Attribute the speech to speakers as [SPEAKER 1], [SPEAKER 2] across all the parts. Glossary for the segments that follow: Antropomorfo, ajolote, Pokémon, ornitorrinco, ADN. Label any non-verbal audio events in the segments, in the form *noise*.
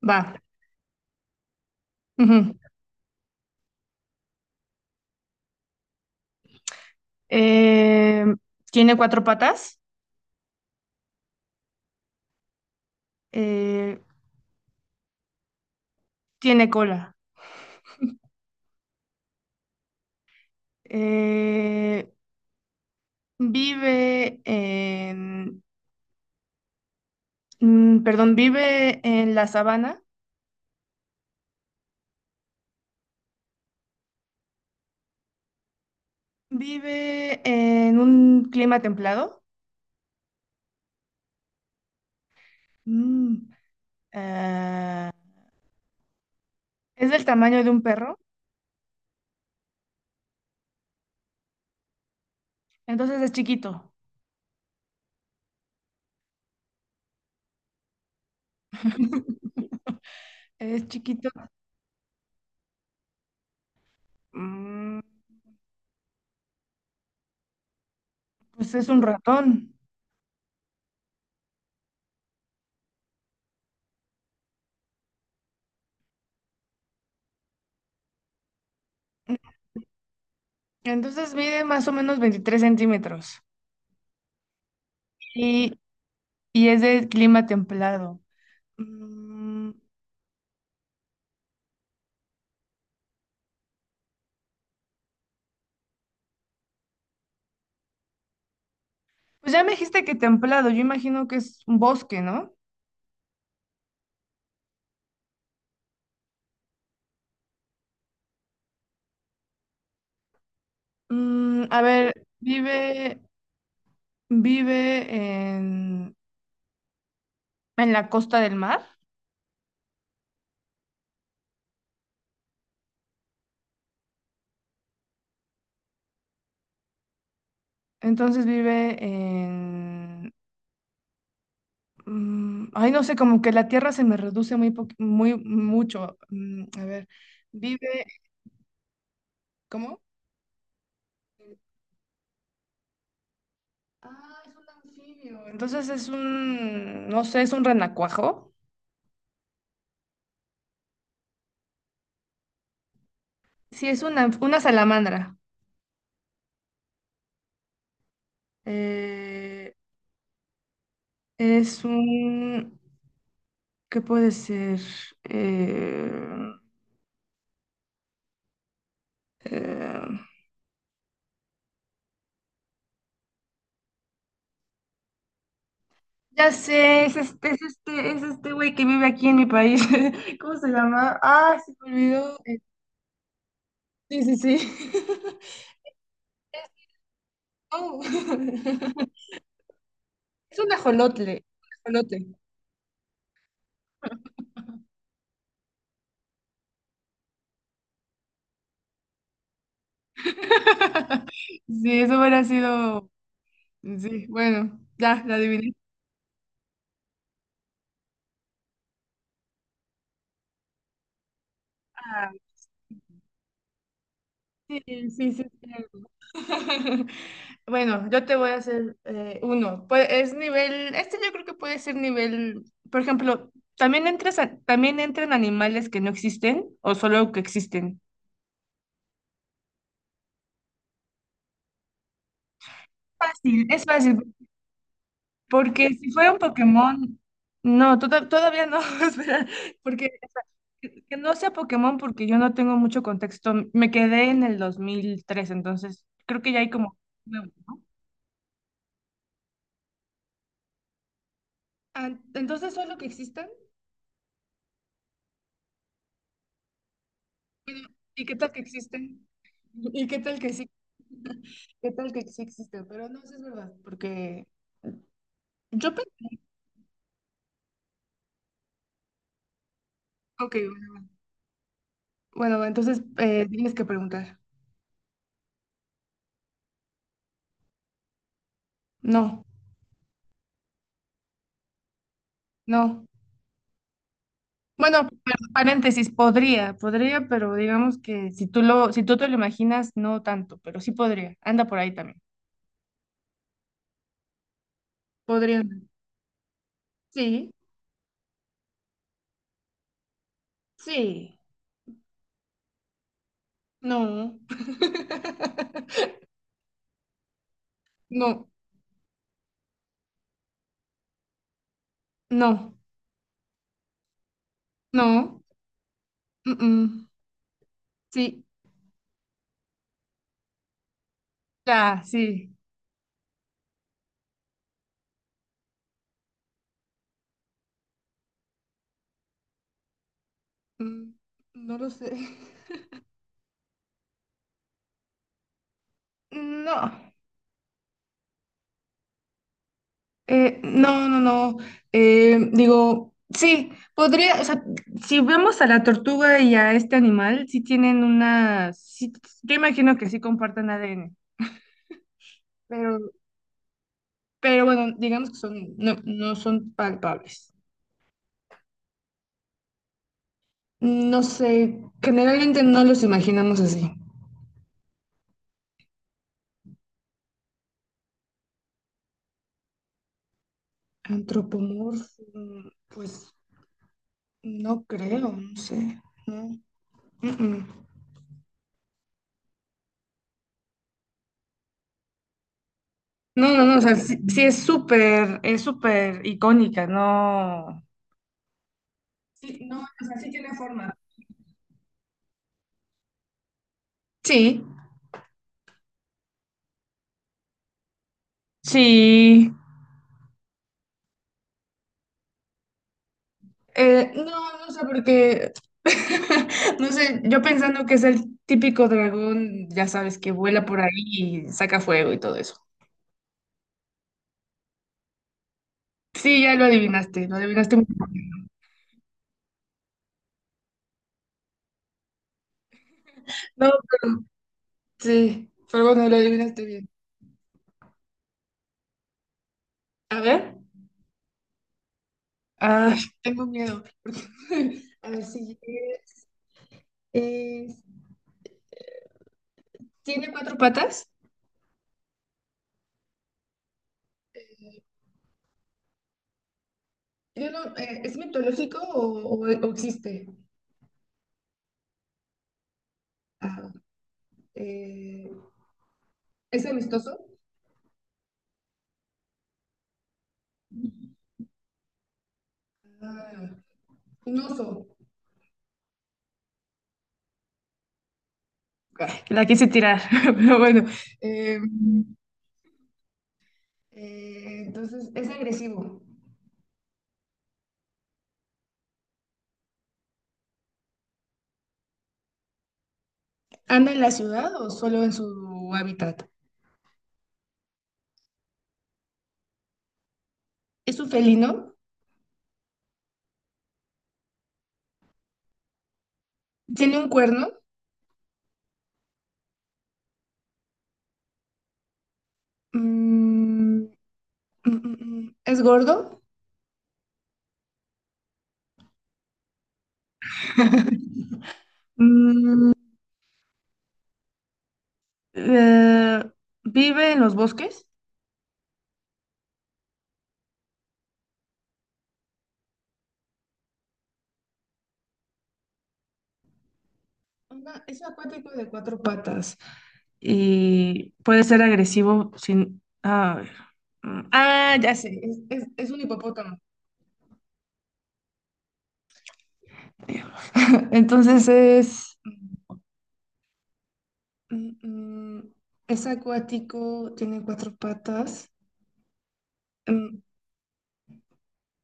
[SPEAKER 1] Va. Ujú. Eh, Tiene cuatro patas. eh, Tiene cola. eh, vive en, Perdón, vive en la sabana. Vive en un clima templado. Mm, ah, es del tamaño de un perro, entonces es chiquito. *laughs* Es chiquito. Mm, pues es un ratón, entonces mide más o menos 23 centímetros. Y es de clima templado. Mm, pues ya me dijiste que templado, yo imagino que es un bosque, ¿no? A ver, vive, vive en, en la costa del mar, entonces vive en... Ay, no sé, como que la tierra se me reduce muy, muy mucho. A ver, vive... ¿Cómo? Ah, es un anfibio. Entonces es un, no sé, es un renacuajo. Sí, es una salamandra. Eh, es un... ¿Qué puede ser? Eh, eh, ya sé, es este, es este, es este güey que vive aquí en mi país. *laughs* ¿Cómo se llama? Ah, se me olvidó. Sí, sí, sí. *laughs* Oh. *laughs* Es un ajolotle. Un ajolote. *laughs* Sí, eso hubiera sido. Sí, bueno, ya, la adiviné. Ah, sí, sí, sí. Sí. *laughs* Bueno, yo te voy a hacer uno. Pues es nivel, este yo creo que puede ser nivel, por ejemplo, también también entran animales que no existen o solo que existen. Fácil, es fácil, porque si fuera un Pokémon, no, todavía no, *laughs* espera, porque que no sea Pokémon porque yo no tengo mucho contexto. Me quedé en el 2003, entonces creo que ya hay como nuevo, ¿no? Ah, entonces, solo que exista. Bueno, ¿y qué tal que existen? ¿Y qué tal que sí? *laughs* ¿Qué tal que sí existe? Pero no, sí es verdad, porque yo pensé, ok, bueno, entonces tienes que preguntar. No, no. Bueno, paréntesis, podría, podría, pero digamos que si tú lo, si tú te lo imaginas, no tanto, pero sí podría. Anda por ahí también. Podría. Sí, sí, no. *laughs* No, no, no. mm, mm, Sí, ya, sí. Mm, No lo sé. *laughs* No, no, no, no. Digo, sí, podría, o sea, si vemos a la tortuga y a este animal, sí tienen una, sí, yo imagino que sí comparten ADN, pero, pero bueno, digamos que son, no, no son palpables. No sé, generalmente no los imaginamos así. Antropomorfo, pues no creo, no sé, no. Mm, mm. No, no, no, o sea, sí, sí es súper icónica, no. Sí, no, o sea, sí tiene forma. Sí, sí. No, no sé, porque, *laughs* no sé, yo pensando que es el típico dragón, ya sabes, que vuela por ahí y saca fuego y todo eso. Sí, ya lo adivinaste muy bien. No, pero, sí, pero bueno, lo adivinaste bien. A ver, ah, tengo miedo. *laughs* A ver, si es- es- ¿tiene cuatro patas? Yo no, ¿es mitológico o, o existe? Ah, eh, ¿Es amistoso? Ah, un oso. *laughs* Ah, la quise tirar, *laughs* pero bueno. Eh, entonces, ¿es agresivo? ¿Anda en la ciudad o solo en su hábitat? ¿Es un felino? ¿Tiene un cuerno? Mm, mm, ¿Es gordo? *laughs* Mm, eh, ¿Vive en los bosques? Es acuático de cuatro patas. Y puede ser agresivo sin... A ver. Ya sé, es un hipopótamo. *laughs* Entonces es... mm, mm, es acuático, tiene cuatro patas, mm,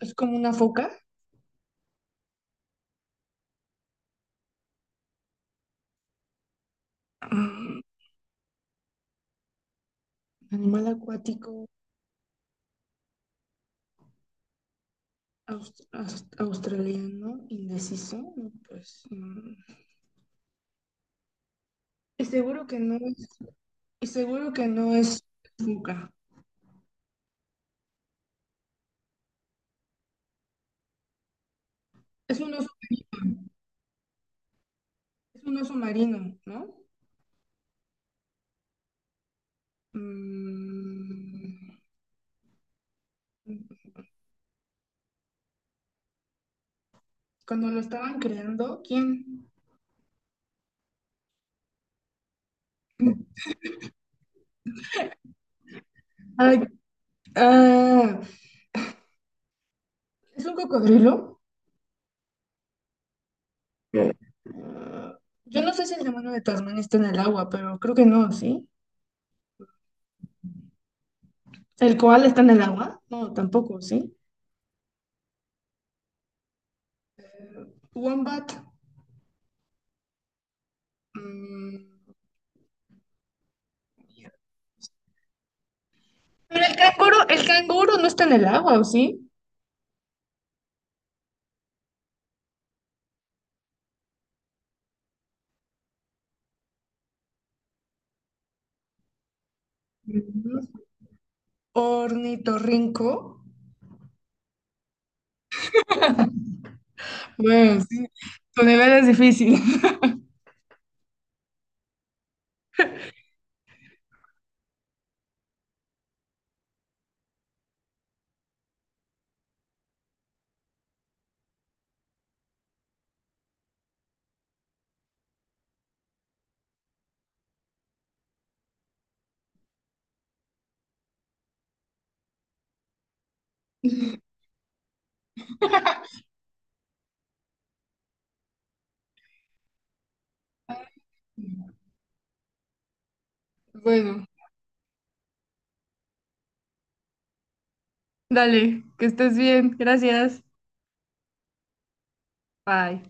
[SPEAKER 1] es como una foca. Mm, Animal acuático australiano, indeciso, no, pues... Y seguro que no es, y seguro que no es foca. Es un oso, es un oso marino, ¿no? Mm, Cuando lo estaban creando, ¿quién? Ay, ah, ¿Es un cocodrilo? Ah, yo no sé si el demonio de Tasmania está en el agua, pero creo que no, ¿sí? ¿El koala está en el agua? No, tampoco, ¿sí? Wombat. mm, pero el canguro no está en el agua, ¿o sí? mm, Ornitorrinco. Bueno, sí, tu nivel es difícil. *laughs* Bueno, dale, que estés bien. Gracias. Bye.